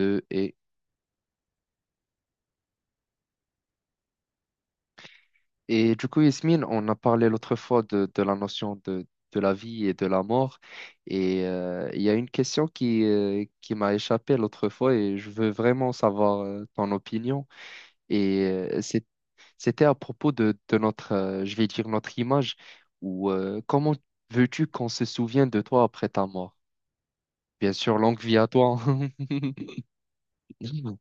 Euh, et, du coup, Yasmine, on a parlé l'autre fois de la notion de la vie et de la mort. Il y a une question qui m'a échappé l'autre fois et je veux vraiment savoir ton opinion. Et euh, c'est- C'était à propos de notre, je vais dire, notre image ou comment veux-tu qu'on se souvienne de toi après ta mort? Bien sûr, longue vie à toi. Mhm,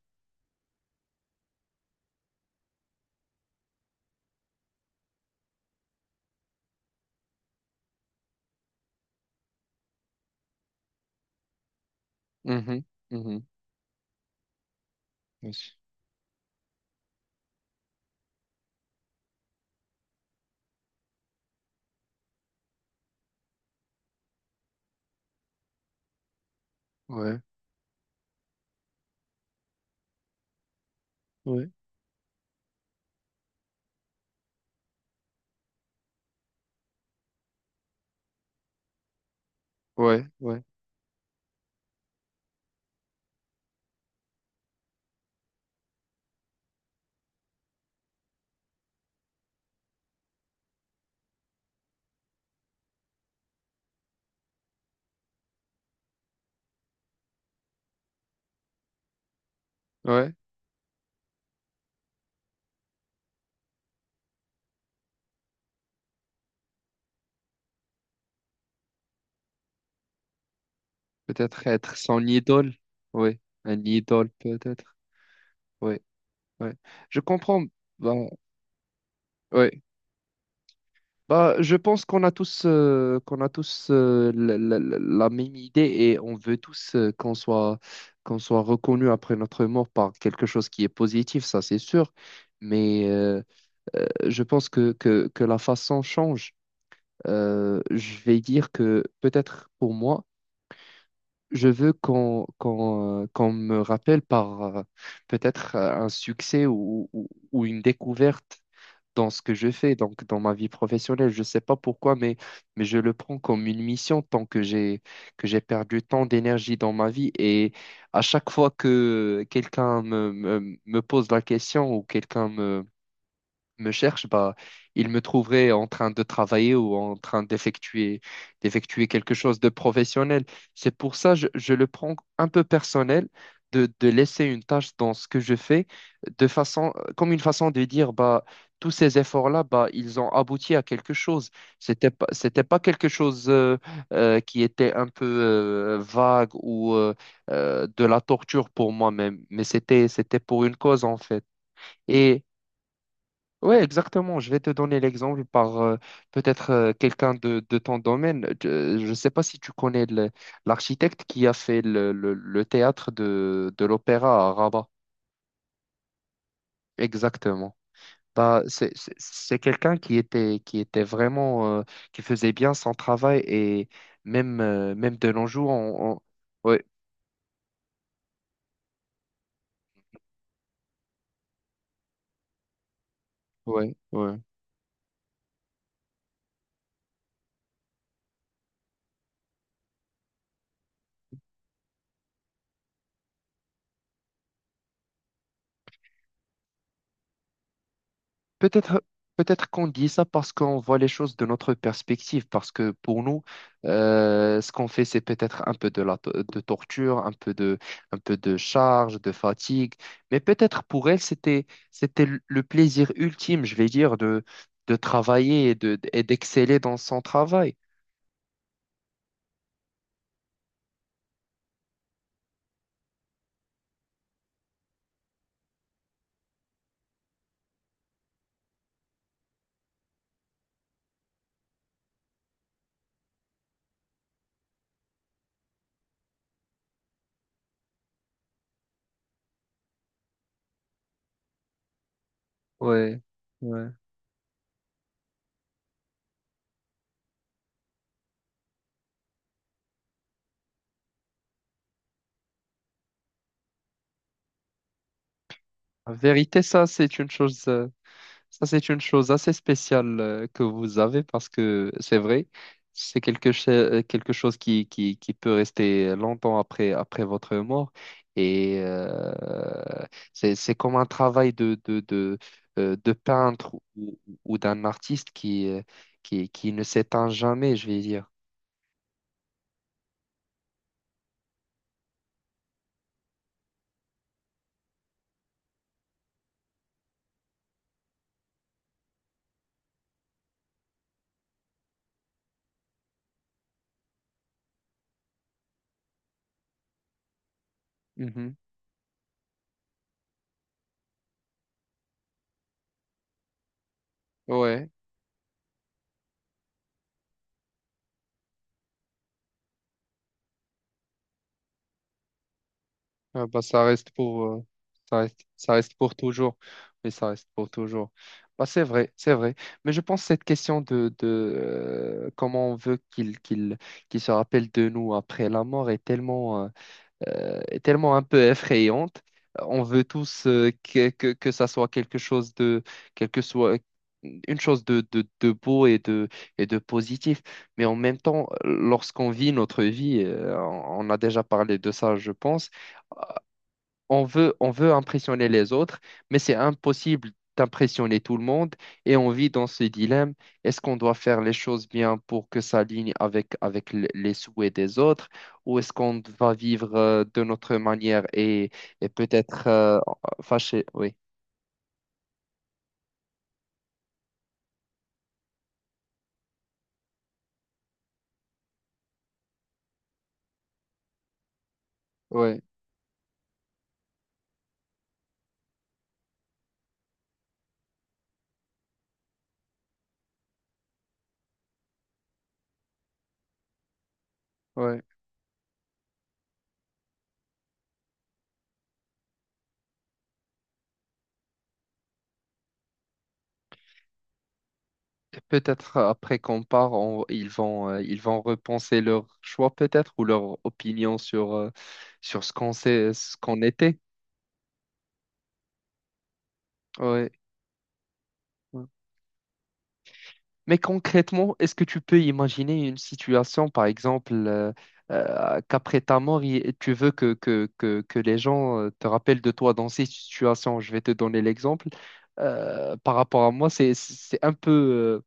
mhm, mhm. Ouais, ouais, ouais, ouais, ouais. Peut-être être son idole. Oui, un idole peut-être. Oui, oui. Je comprends. Bah, oui. Bah, je pense qu'on a tous, la même idée et on veut tous qu'on soit reconnu après notre mort par quelque chose qui est positif, ça c'est sûr. Mais je pense que la façon change. Je vais dire que peut-être pour moi, je veux qu'on me rappelle par peut-être un succès ou une découverte dans ce que je fais, donc dans ma vie professionnelle. Je ne sais pas pourquoi, mais je le prends comme une mission tant que j'ai perdu tant d'énergie dans ma vie. Et à chaque fois que me pose la question ou quelqu'un me cherche, bah, il me trouverait en train de travailler ou en train d'effectuer quelque chose de professionnel. C'est pour ça je le prends un peu personnel de laisser une tâche dans ce que je fais de façon comme une façon de dire bah tous ces efforts-là bah ils ont abouti à quelque chose. C'était pas quelque chose qui était un peu vague ou de la torture pour moi-même, mais c'était pour une cause en fait. Et Ouais, exactement. Je vais te donner l'exemple par peut-être quelqu'un de ton domaine. Je ne sais pas si tu connais l'architecte qui a fait le théâtre de l'opéra à Rabat. Exactement. Bah, c'est quelqu'un qui était vraiment, qui faisait bien son travail et même, même de nos jours, ouais, ouais, ouais. Peut-être, peut-être qu'on dit ça parce qu'on voit les choses de notre perspective, parce que pour nous, ce qu'on fait, c'est peut-être un peu de de torture, un peu de charge, de fatigue, mais peut-être pour elle, c'était le plaisir ultime, je vais dire, de travailler et d'exceller dans son travail. Ouais, ouais. En vérité, ça, c'est une chose. Ça, c'est une chose assez spéciale que vous avez parce que c'est vrai, quelque chose qui peut rester longtemps après, après votre mort. Et euh, c'est comme un travail de peintre ou d'un artiste qui ne s'éteint jamais, je vais dire. Mhm. Ouais. Ah bah, ça reste pour toujours. Oui, ça reste pour toujours. Bah, c'est vrai, c'est vrai. Mais je pense que cette question de comment on veut qu'il se rappelle de nous après la mort est tellement un peu effrayante. On veut tous que ça soit quelque chose de... quelque soit une chose de beau et de positif. Mais en même temps, lorsqu'on vit notre vie, on a déjà parlé de ça, je pense on veut impressionner les autres, mais c'est impossible d'impressionner tout le monde et on vit dans ce dilemme. Est-ce qu'on doit faire les choses bien pour que ça aligne avec, avec les souhaits des autres ou est-ce qu'on va vivre de notre manière et peut-être fâché, oui. Ouais, ouais. Peut-être après qu'on part, ils vont repenser leur choix peut-être ou leur opinion sur, sur ce qu'on sait, ce qu'on était. Ouais. Mais concrètement, est-ce que tu peux imaginer une situation, par exemple, qu'après ta mort, tu veux que les gens te rappellent de toi dans ces situations? Je vais te donner l'exemple. Par rapport à moi, c'est un peu, euh,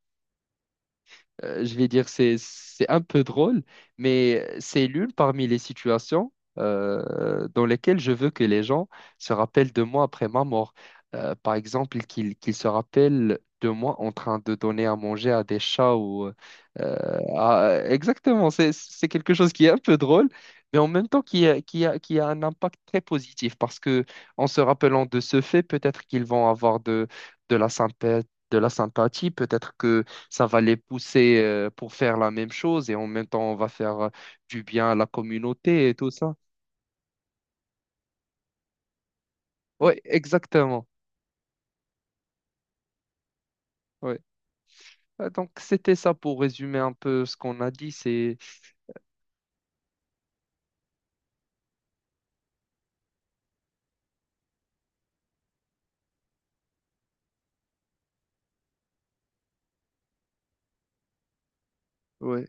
euh, je vais dire, c'est un peu drôle, mais c'est l'une parmi les situations dans lesquelles je veux que les gens se rappellent de moi après ma mort. Par exemple, qu'ils se rappellent de moi en train de donner à manger à des chats ou exactement, c'est quelque chose qui est un peu drôle, mais en même temps qui a un impact très positif parce que en se rappelant de ce fait, peut-être qu'ils vont avoir de la sympathie, peut-être que ça va les pousser pour faire la même chose et en même temps, on va faire du bien à la communauté et tout ça. Oui, exactement. Ouais. Ah, donc c'était ça pour résumer un peu ce qu'on a dit. C'est... Ouais,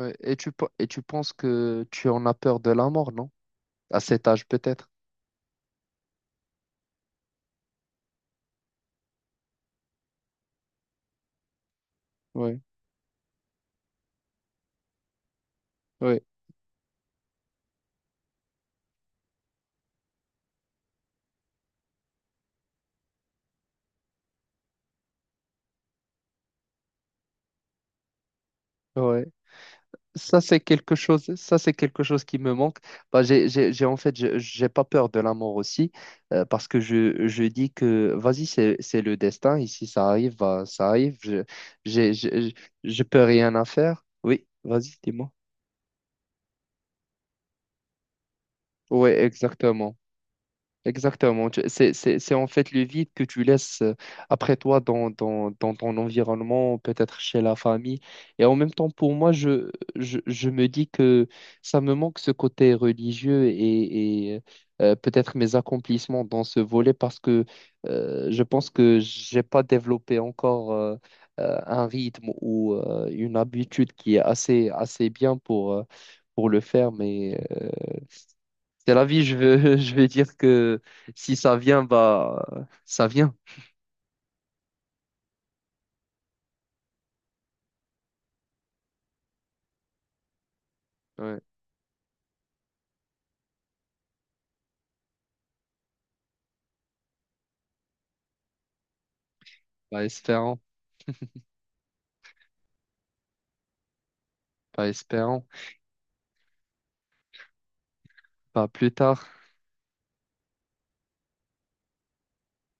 ouais. Et tu penses que tu en as peur de la mort, non? À cet âge, peut-être. Oui, oui, oui. Ça, c'est quelque chose, ça, c'est quelque chose qui me manque. Bah, en fait, j'ai pas peur de la mort aussi, parce que je dis que, vas-y, c'est le destin. Ici, ça arrive, bah, ça arrive. Je, j'ai, je peux rien à faire. Oui, vas-y, dis-moi. Oui, exactement. Exactement. C'est en fait le vide que tu laisses après toi dans, dans, dans ton environnement, peut-être chez la famille. Et en même temps, pour moi, je me dis que ça me manque ce côté religieux et peut-être mes accomplissements dans ce volet parce que je pense que j'ai pas développé encore un rythme ou une habitude qui est assez, assez bien pour le faire. Mais c'est la vie, je veux, je vais dire que si ça vient, bah, ça vient. Ouais, pas espérant, pas espérant, pas plus tard.